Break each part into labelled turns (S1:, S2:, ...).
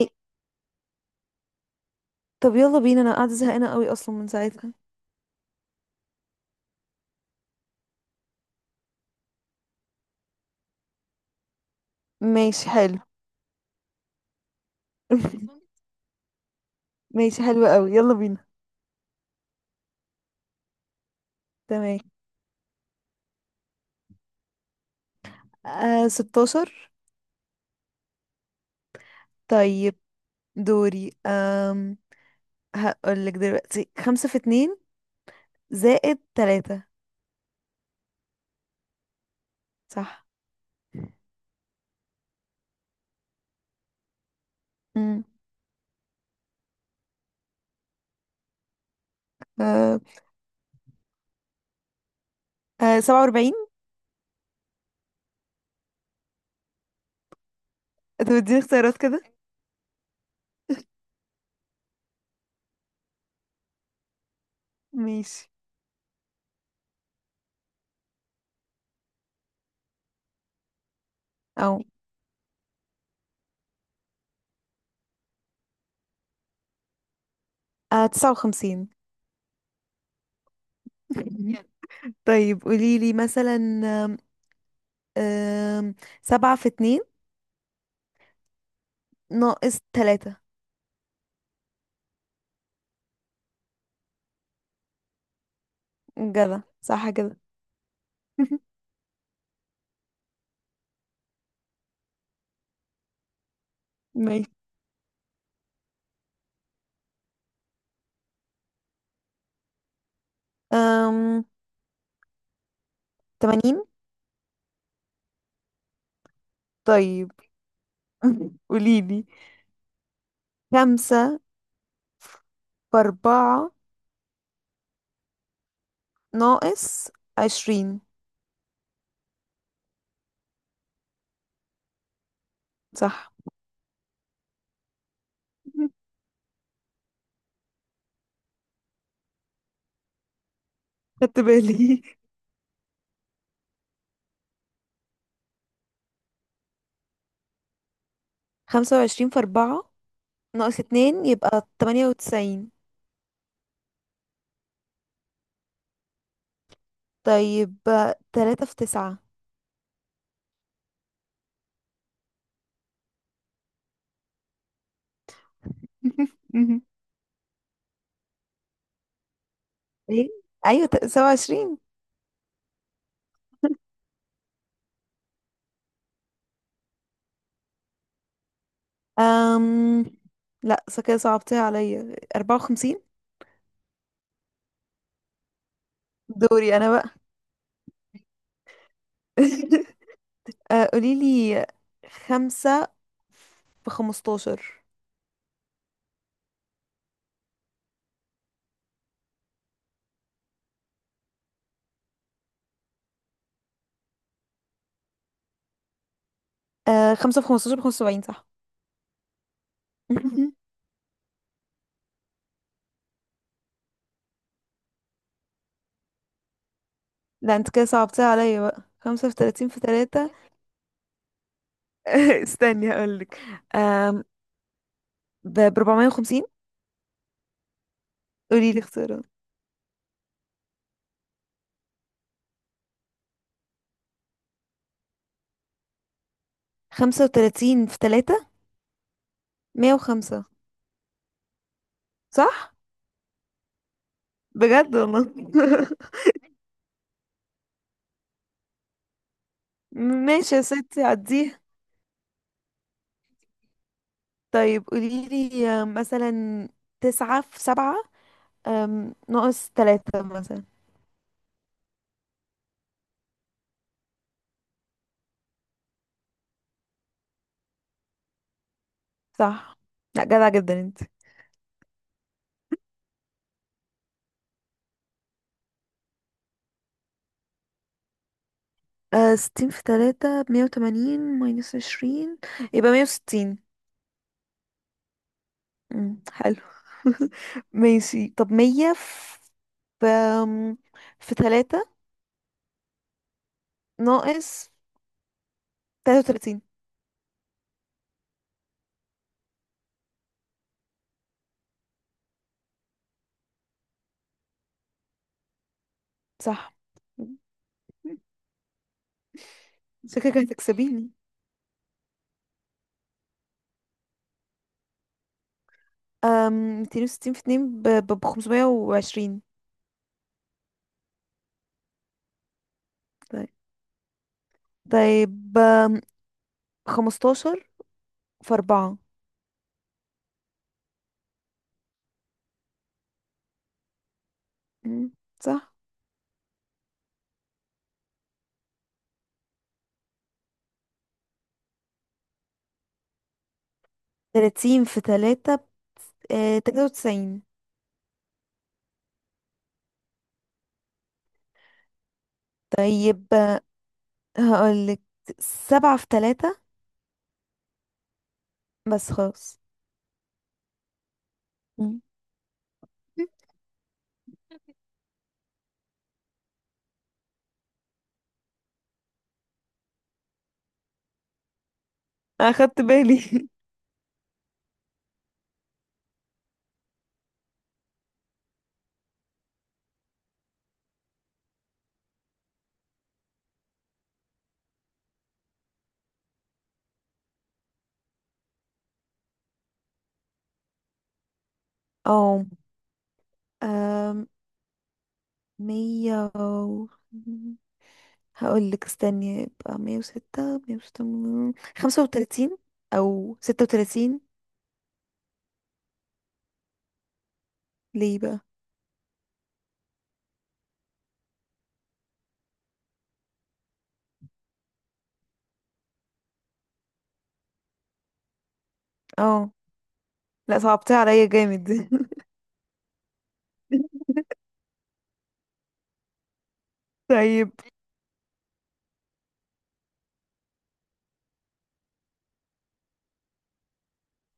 S1: إيه، طب يلا بينا، انا قاعده زهقانه قوي اصلا من ساعتها. ماشي حلو. ماشي حلو قوي، يلا بينا. تمام. آه، 16. طيب، دوري. هقول لك دلوقتي، خمسة في اتنين زائد تلاتة. صح. امم آه 47. طب اديني اختيارات كده. ماشي. أو. 59. طيب قولي لي مثلا. آم، آم، سبعة في اتنين ناقص تلاتة. جدع، صح كده. ماشي. أم... 80. طيب. قوليلي، خمسة في أربعة ناقص 20. صح. خدت بالي. 25 في أربعة ناقص اتنين يبقى 98. طيب، تلاتة في تسعة. ايه. أيوة، 27. أم... لا، صح كده، صعبتيها عليا 54. دوري أنا بقى. قوليلي، خمسة في 15. آه، خمسة في خمستاشر بخمسة وسبعين، صح. لا انت كده صعبتها عليا بقى، خمسة في 30 في تلاتة. استني هقولك. آم، بربعمية وخمسين. قولي لي اختيارات. 35 في تلاتة، 105، صح؟ بجد والله. ماشي يا ستي، عديها. طيب قولي لي مثلا، تسعة في سبعة ناقص تلاتة مثلا. صح. لا، جدع جدا انت. 60 في تلاتة بمية وتمانين ماينس عشرين، يبقى 160. حلو. ماشي، طب مية في أم، في تلاتة ناقص تلاتة وتلاتين. صح. شكلك هتكسبيني. أم، 260 في اتنين بخمسمية وعشرين. طيب. طيب. 15 في أربعة. مم، صح. 30 في تلاتة 93. طيب، هقولك سبعة في تلاتة بس خلاص. مم. أخدت بالي. اه، مية و... هقول لك استني، يبقى 106، 106. 35 أو 36. ليه بقى. اه لا، صعبتها عليا جامد. طيب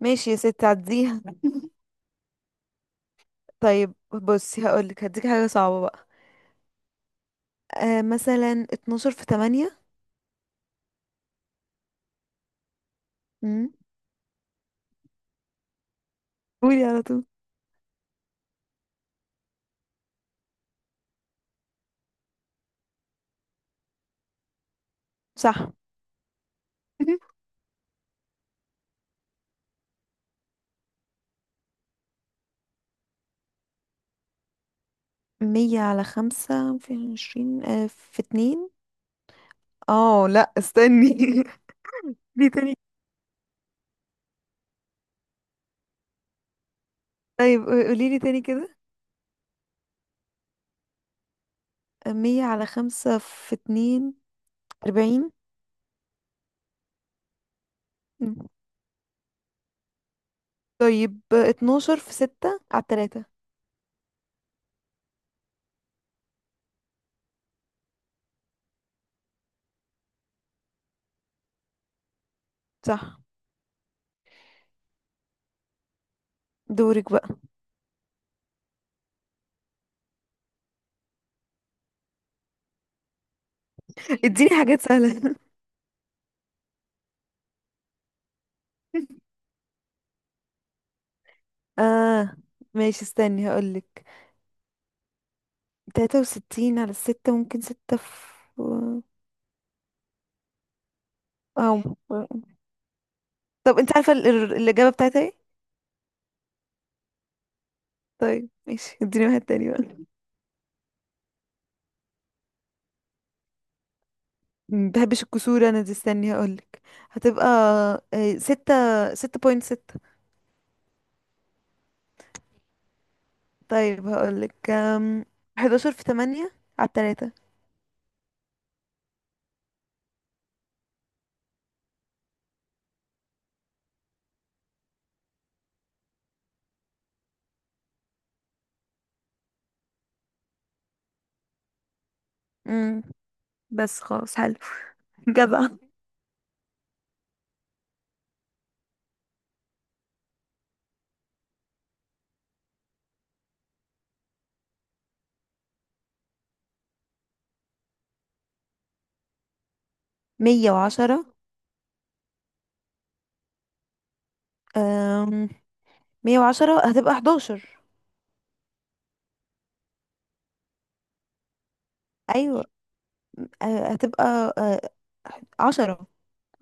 S1: ماشي يا ستي، عديها. طيب بصي هقولك، هديك حاجة صعبة بقى. مثلا 12 في تمانية. مم، قولي على طول. صح. مية على خمسة في 20 في اتنين. اه لا، استني. دي تاني. طيب قوليلي تاني كده، مية على خمسة في اتنين. 40. مم. طيب، 12 في ستة على التلاتة. صح. دورك بقى. اديني حاجات سهلة. اه ماشي، استني هقولك، 63 على الستة، ممكن ستة في. اه طب انت عارفة الإجابة بتاعتها ايه؟ طيب ماشي، اديني واحد تاني بقى. مبحبش الكسور انا دي، استني هقولك، هتبقى آه، ستة ستة بوينت ستة. طيب هقولك 11 في تمانية على التلاتة. بس خلاص حلو. جدع. 110. أم... 110 هتبقى 11. أيوة، هتبقى آه، 10.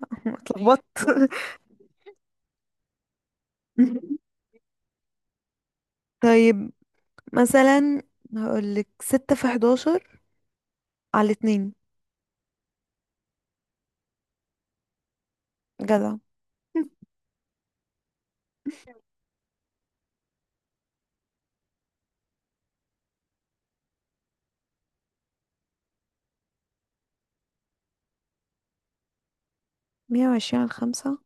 S1: اتلخبطت. طيب مثلا هقولك، ستة في 11 على اتنين. جدع. 120 على خمسة،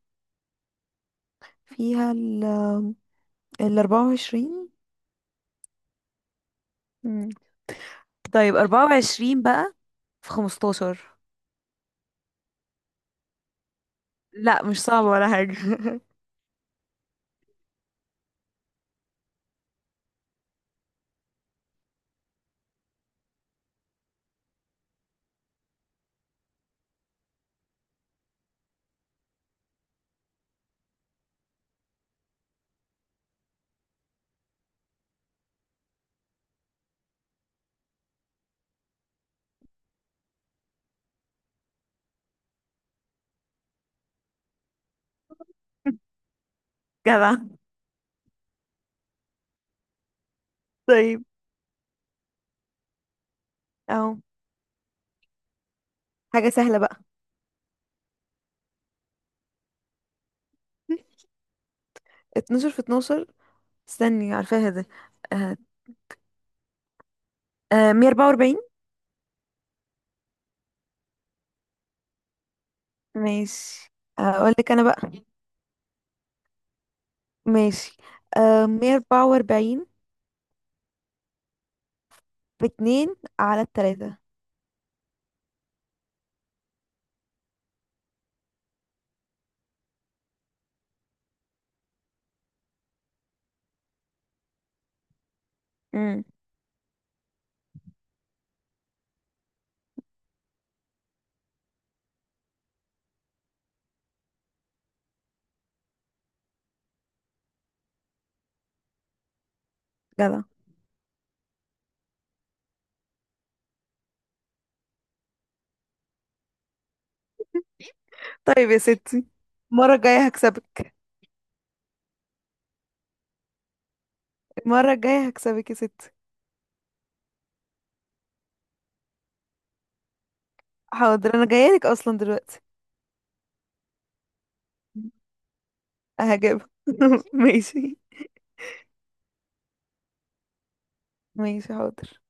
S1: فيها ال 24. مم. طيب 24 بقى في 15. لا مش صعبة ولا حاجة. جدع. طيب اهو، حاجة سهلة بقى. 12 في 12. استني عارفاها ده. آه. 144. ماشي أقول لك أنا بقى. ماشي 144 باتنين على التلاتة. امم جدع. طيب يا ستي، المرة الجاية هكسبك. المرة الجاية هكسبك يا ستي. حاضر أنا جايلك أصلا دلوقتي. هجيبها. ماشي. ماشي حاضر.